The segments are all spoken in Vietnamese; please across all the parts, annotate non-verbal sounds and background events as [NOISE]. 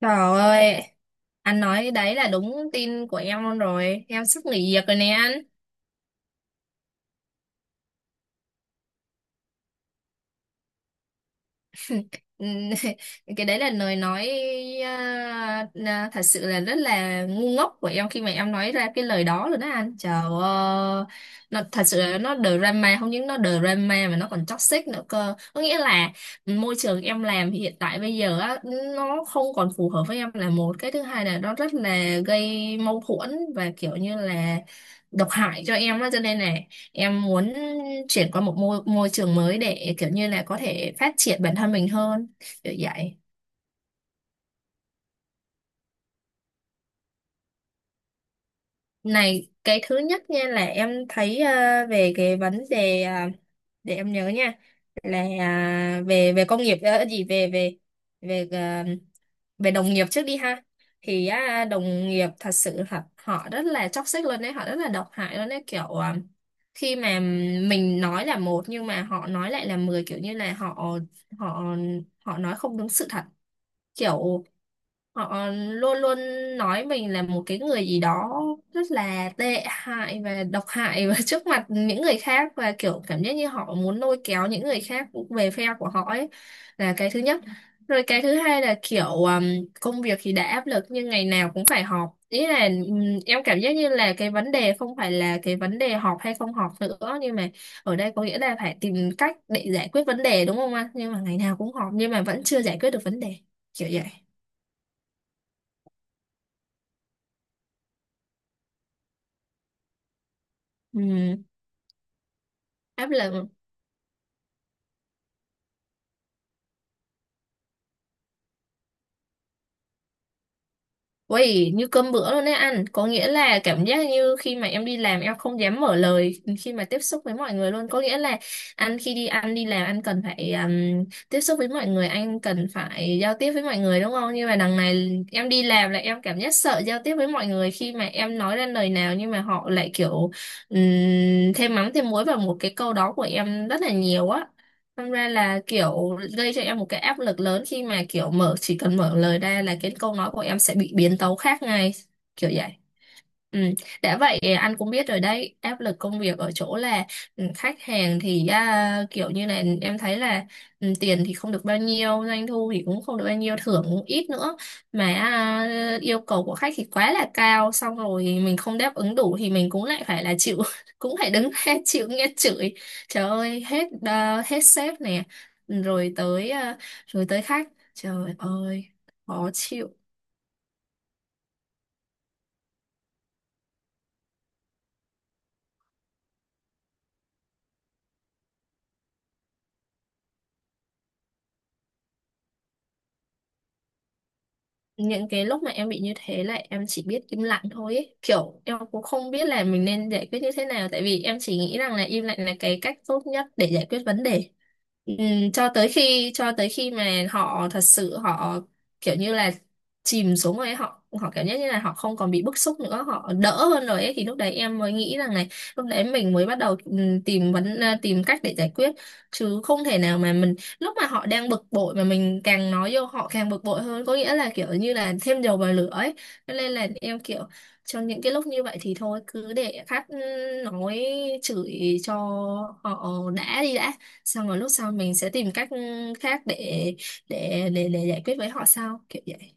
Trời ơi, anh nói cái đấy là đúng tin của em luôn rồi. Em sắp nghỉ việc rồi nè anh. Ừm, [LAUGHS] cái đấy là lời nói thật sự là rất là ngu ngốc của em khi mà em nói ra cái lời đó rồi đó anh. Trời ơi, nó thật sự là nó drama, không những nó drama mà nó còn toxic nữa cơ, có nghĩa là môi trường em làm hiện tại bây giờ á nó không còn phù hợp với em là một, cái thứ hai là nó rất là gây mâu thuẫn và kiểu như là độc hại cho em á. Cho nên là em muốn chuyển qua một môi môi trường mới để kiểu như là có thể phát triển bản thân mình hơn, kiểu vậy. Này, cái thứ nhất nha là em thấy về cái vấn đề, để em nhớ nha, là ờ, về về công nghiệp ờ, gì về về về ờ, về đồng nghiệp trước đi ha. Thì á, đồng nghiệp thật sự họ rất là toxic luôn đấy, họ rất là độc hại luôn đấy, kiểu khi mà mình nói là một nhưng mà họ nói lại là mười, kiểu như là họ họ họ nói không đúng sự thật. Kiểu họ luôn luôn nói mình là một cái người gì đó rất là tệ hại và độc hại, và [LAUGHS] trước mặt những người khác, và kiểu cảm giác như họ muốn lôi kéo những người khác về phe của họ ấy, là cái thứ nhất. Rồi cái thứ hai là kiểu công việc thì đã áp lực nhưng ngày nào cũng phải họp, ý là em cảm giác như là cái vấn đề không phải là cái vấn đề họp hay không họp nữa, nhưng mà ở đây có nghĩa là phải tìm cách để giải quyết vấn đề, đúng không anh, nhưng mà ngày nào cũng họp nhưng mà vẫn chưa giải quyết được vấn đề, kiểu vậy. Ừ. Áp lực. Uầy, như cơm bữa luôn đấy anh, có nghĩa là cảm giác như khi mà em đi làm em không dám mở lời khi mà tiếp xúc với mọi người luôn, có nghĩa là anh khi đi ăn đi làm anh cần phải tiếp xúc với mọi người, anh cần phải giao tiếp với mọi người đúng không, nhưng mà đằng này em đi làm là em cảm giác sợ giao tiếp với mọi người, khi mà em nói ra lời nào nhưng mà họ lại kiểu um, thêm mắm thêm muối vào một cái câu đó của em rất là nhiều á. Thành ra là kiểu gây cho em một cái áp lực lớn khi mà kiểu mở, chỉ cần mở lời ra là cái câu nói của em sẽ bị biến tấu khác ngay, kiểu vậy. Ừ. Đã vậy anh cũng biết rồi đấy, áp lực công việc ở chỗ là khách hàng thì kiểu như là em thấy là tiền thì không được bao nhiêu, doanh thu thì cũng không được bao nhiêu, thưởng cũng ít nữa, mà yêu cầu của khách thì quá là cao, xong rồi mình không đáp ứng đủ thì mình cũng lại phải là chịu, [LAUGHS] cũng phải đứng [LAUGHS] ra chịu nghe chửi. Trời ơi, hết sếp nè, rồi tới rồi tới khách. Trời ơi, khó chịu. Những cái lúc mà em bị như thế là em chỉ biết im lặng thôi ấy. Kiểu em cũng không biết là mình nên giải quyết như thế nào, tại vì em chỉ nghĩ rằng là im lặng là cái cách tốt nhất để giải quyết vấn đề. Cho tới khi mà họ thật sự họ kiểu như là chìm xuống rồi ấy, họ họ cảm giác như là họ không còn bị bức xúc nữa, họ đỡ hơn rồi ấy, thì lúc đấy em mới nghĩ rằng này, lúc đấy mình mới bắt đầu tìm cách để giải quyết, chứ không thể nào mà mình lúc mà họ đang bực bội mà mình càng nói vô họ càng bực bội hơn, có nghĩa là kiểu như là thêm dầu vào lửa ấy. Cho nên là em kiểu trong những cái lúc như vậy thì thôi cứ để khách nói chửi cho họ đã đi đã, xong rồi lúc sau mình sẽ tìm cách khác để để giải quyết với họ sau, kiểu vậy.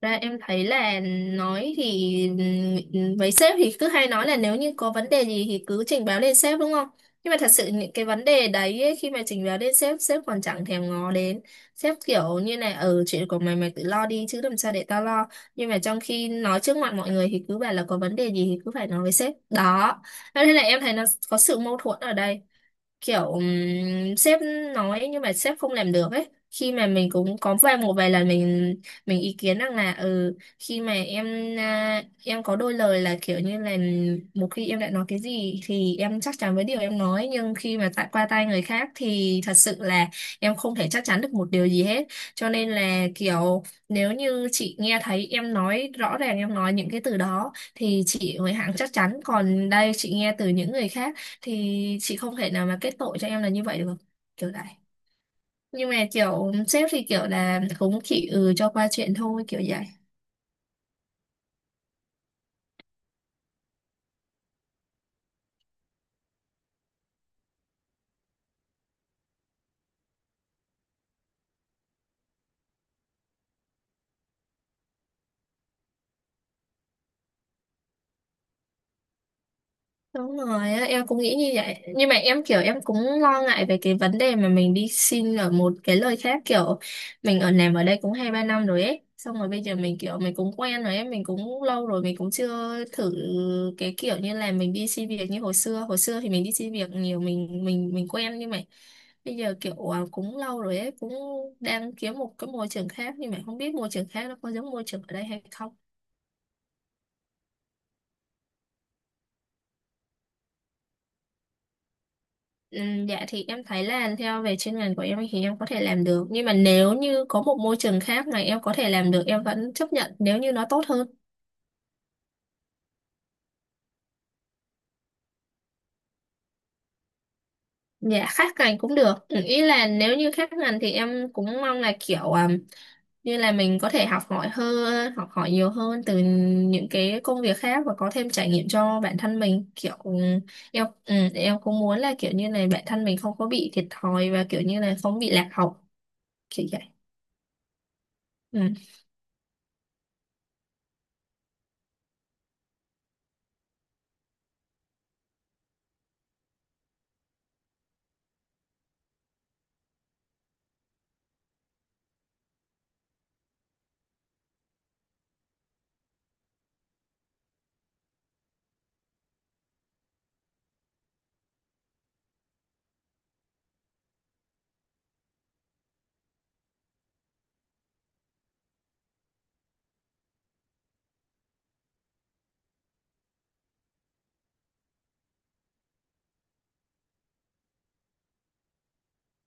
Ra em thấy là nói thì với sếp thì cứ hay nói là nếu như có vấn đề gì thì cứ trình báo lên sếp, đúng không? Nhưng mà thật sự những cái vấn đề đấy ấy, khi mà trình báo lên sếp, sếp còn chẳng thèm ngó đến. Sếp kiểu như này, ừ chuyện của mày mày tự lo đi chứ làm sao để tao lo. Nhưng mà trong khi nói trước mặt mọi người thì cứ bảo là có vấn đề gì thì cứ phải nói với sếp. Đó. Thế nên là em thấy nó có sự mâu thuẫn ở đây, kiểu sếp nói nhưng mà sếp không làm được ấy, khi mà mình cũng có một vài lần mình ý kiến rằng là khi mà em có đôi lời là kiểu như là một khi em đã nói cái gì thì em chắc chắn với điều em nói, nhưng khi mà tại qua tay người khác thì thật sự là em không thể chắc chắn được một điều gì hết. Cho nên là kiểu nếu như chị nghe thấy em nói rõ ràng, em nói những cái từ đó thì chị mới hẳn chắc chắn, còn đây chị nghe từ những người khác thì chị không thể nào mà kết tội cho em là như vậy được, kiểu này. Nhưng mà kiểu sếp thì kiểu là cũng chỉ ừ cho qua chuyện thôi, kiểu vậy. Đúng rồi á, em cũng nghĩ như vậy. Nhưng mà em kiểu em cũng lo ngại về cái vấn đề mà mình đi xin ở một cái nơi khác, kiểu mình làm ở đây cũng 2-3 năm rồi ấy. Xong rồi bây giờ mình kiểu mình cũng quen rồi ấy, mình cũng lâu rồi mình cũng chưa thử cái kiểu như là mình đi xin việc như hồi xưa. Hồi xưa thì mình đi xin việc nhiều, mình mình quen, nhưng mà bây giờ kiểu cũng lâu rồi ấy, cũng đang kiếm một cái môi trường khác nhưng mà không biết môi trường khác nó có giống môi trường ở đây hay không. Dạ thì em thấy là theo về chuyên ngành của em thì em có thể làm được, nhưng mà nếu như có một môi trường khác mà em có thể làm được em vẫn chấp nhận nếu như nó tốt hơn. Dạ khác ngành cũng được. Ừ, ý là nếu như khác ngành thì em cũng mong là kiểu như là mình có thể học hỏi hơn, học hỏi nhiều hơn từ những cái công việc khác và có thêm trải nghiệm cho bản thân mình, kiểu em cũng muốn là kiểu như này bản thân mình không có bị thiệt thòi và kiểu như là không bị lạc hậu, kiểu vậy. Ừ.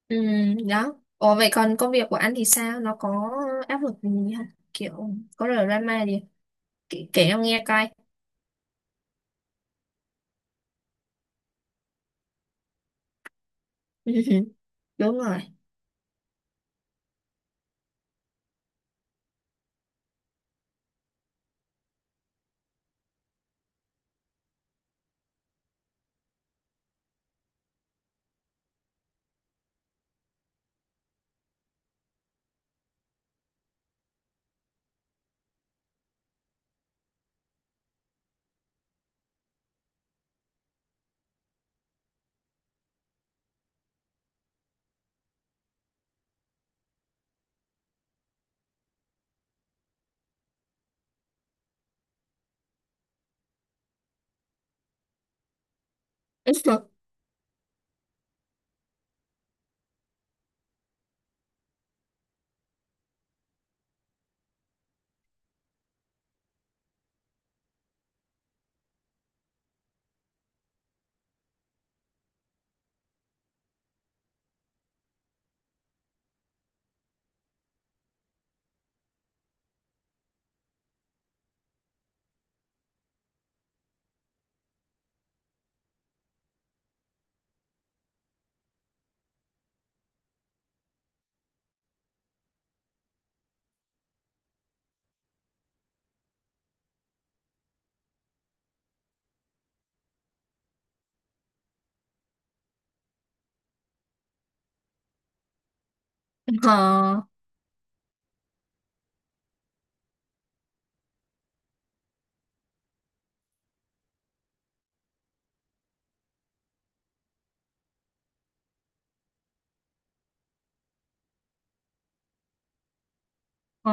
Ừ, đó. Ủa vậy còn công việc của anh thì sao? Nó có áp lực gì không? Kiểu có drama gì? Kể, kể em nghe coi. [LAUGHS] Đúng rồi. [LAUGHS] Ờ, ờ.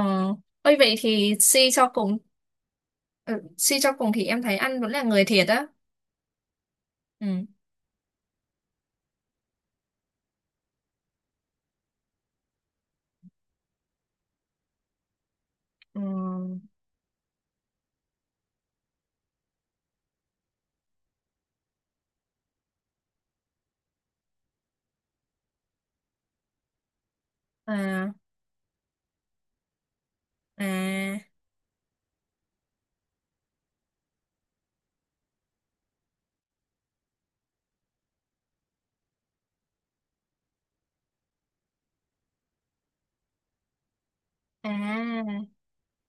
Ôi vậy thì suy cho cùng thì em thấy anh vẫn là người thiệt á. Ừ. Ờ, à, à, à.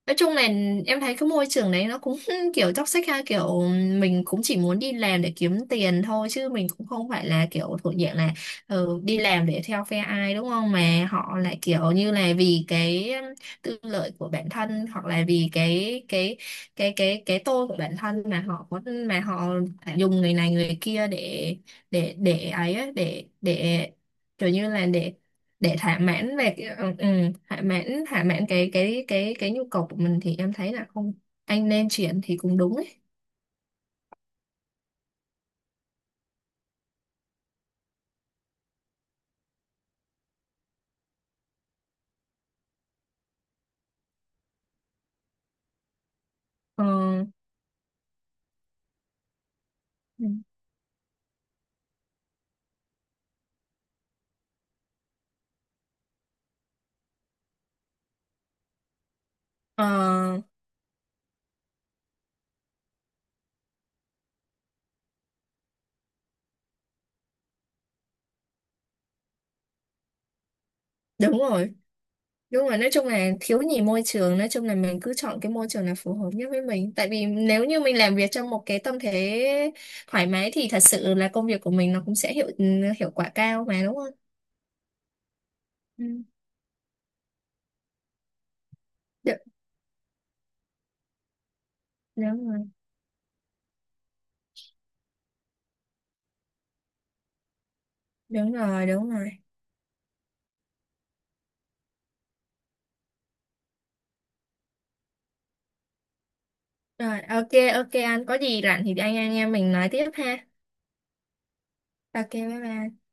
Nói chung là em thấy cái môi trường đấy nó cũng [LAUGHS] kiểu toxic ha, kiểu mình cũng chỉ muốn đi làm để kiếm tiền thôi chứ mình cũng không phải là kiểu thuộc dạng là đi làm để theo phe ai đúng không, mà họ lại kiểu như là vì cái tư lợi của bản thân hoặc là vì cái tôi của bản thân mà họ có, mà họ dùng người này người kia để ấy á, để kiểu như là để thỏa mãn về cái- ừ, ừ, thỏa mãn cái nhu cầu của mình, thì em thấy là không, anh nên chuyển thì cũng đúng ấy. Ờ, Ừ. Ờ, đúng rồi, đúng rồi, nói chung là thiếu nhì môi trường, nói chung là mình cứ chọn cái môi trường là phù hợp nhất với mình, tại vì nếu như mình làm việc trong một cái tâm thế thoải mái thì thật sự là công việc của mình nó cũng sẽ hiệu quả cao mà, đúng không. Ừ. Đ- Đúng rồi, đúng rồi, đúng rồi, rồi ok, ok, anh có gì rảnh thì anh em mình nói tiếp ha. Ok, bye bye.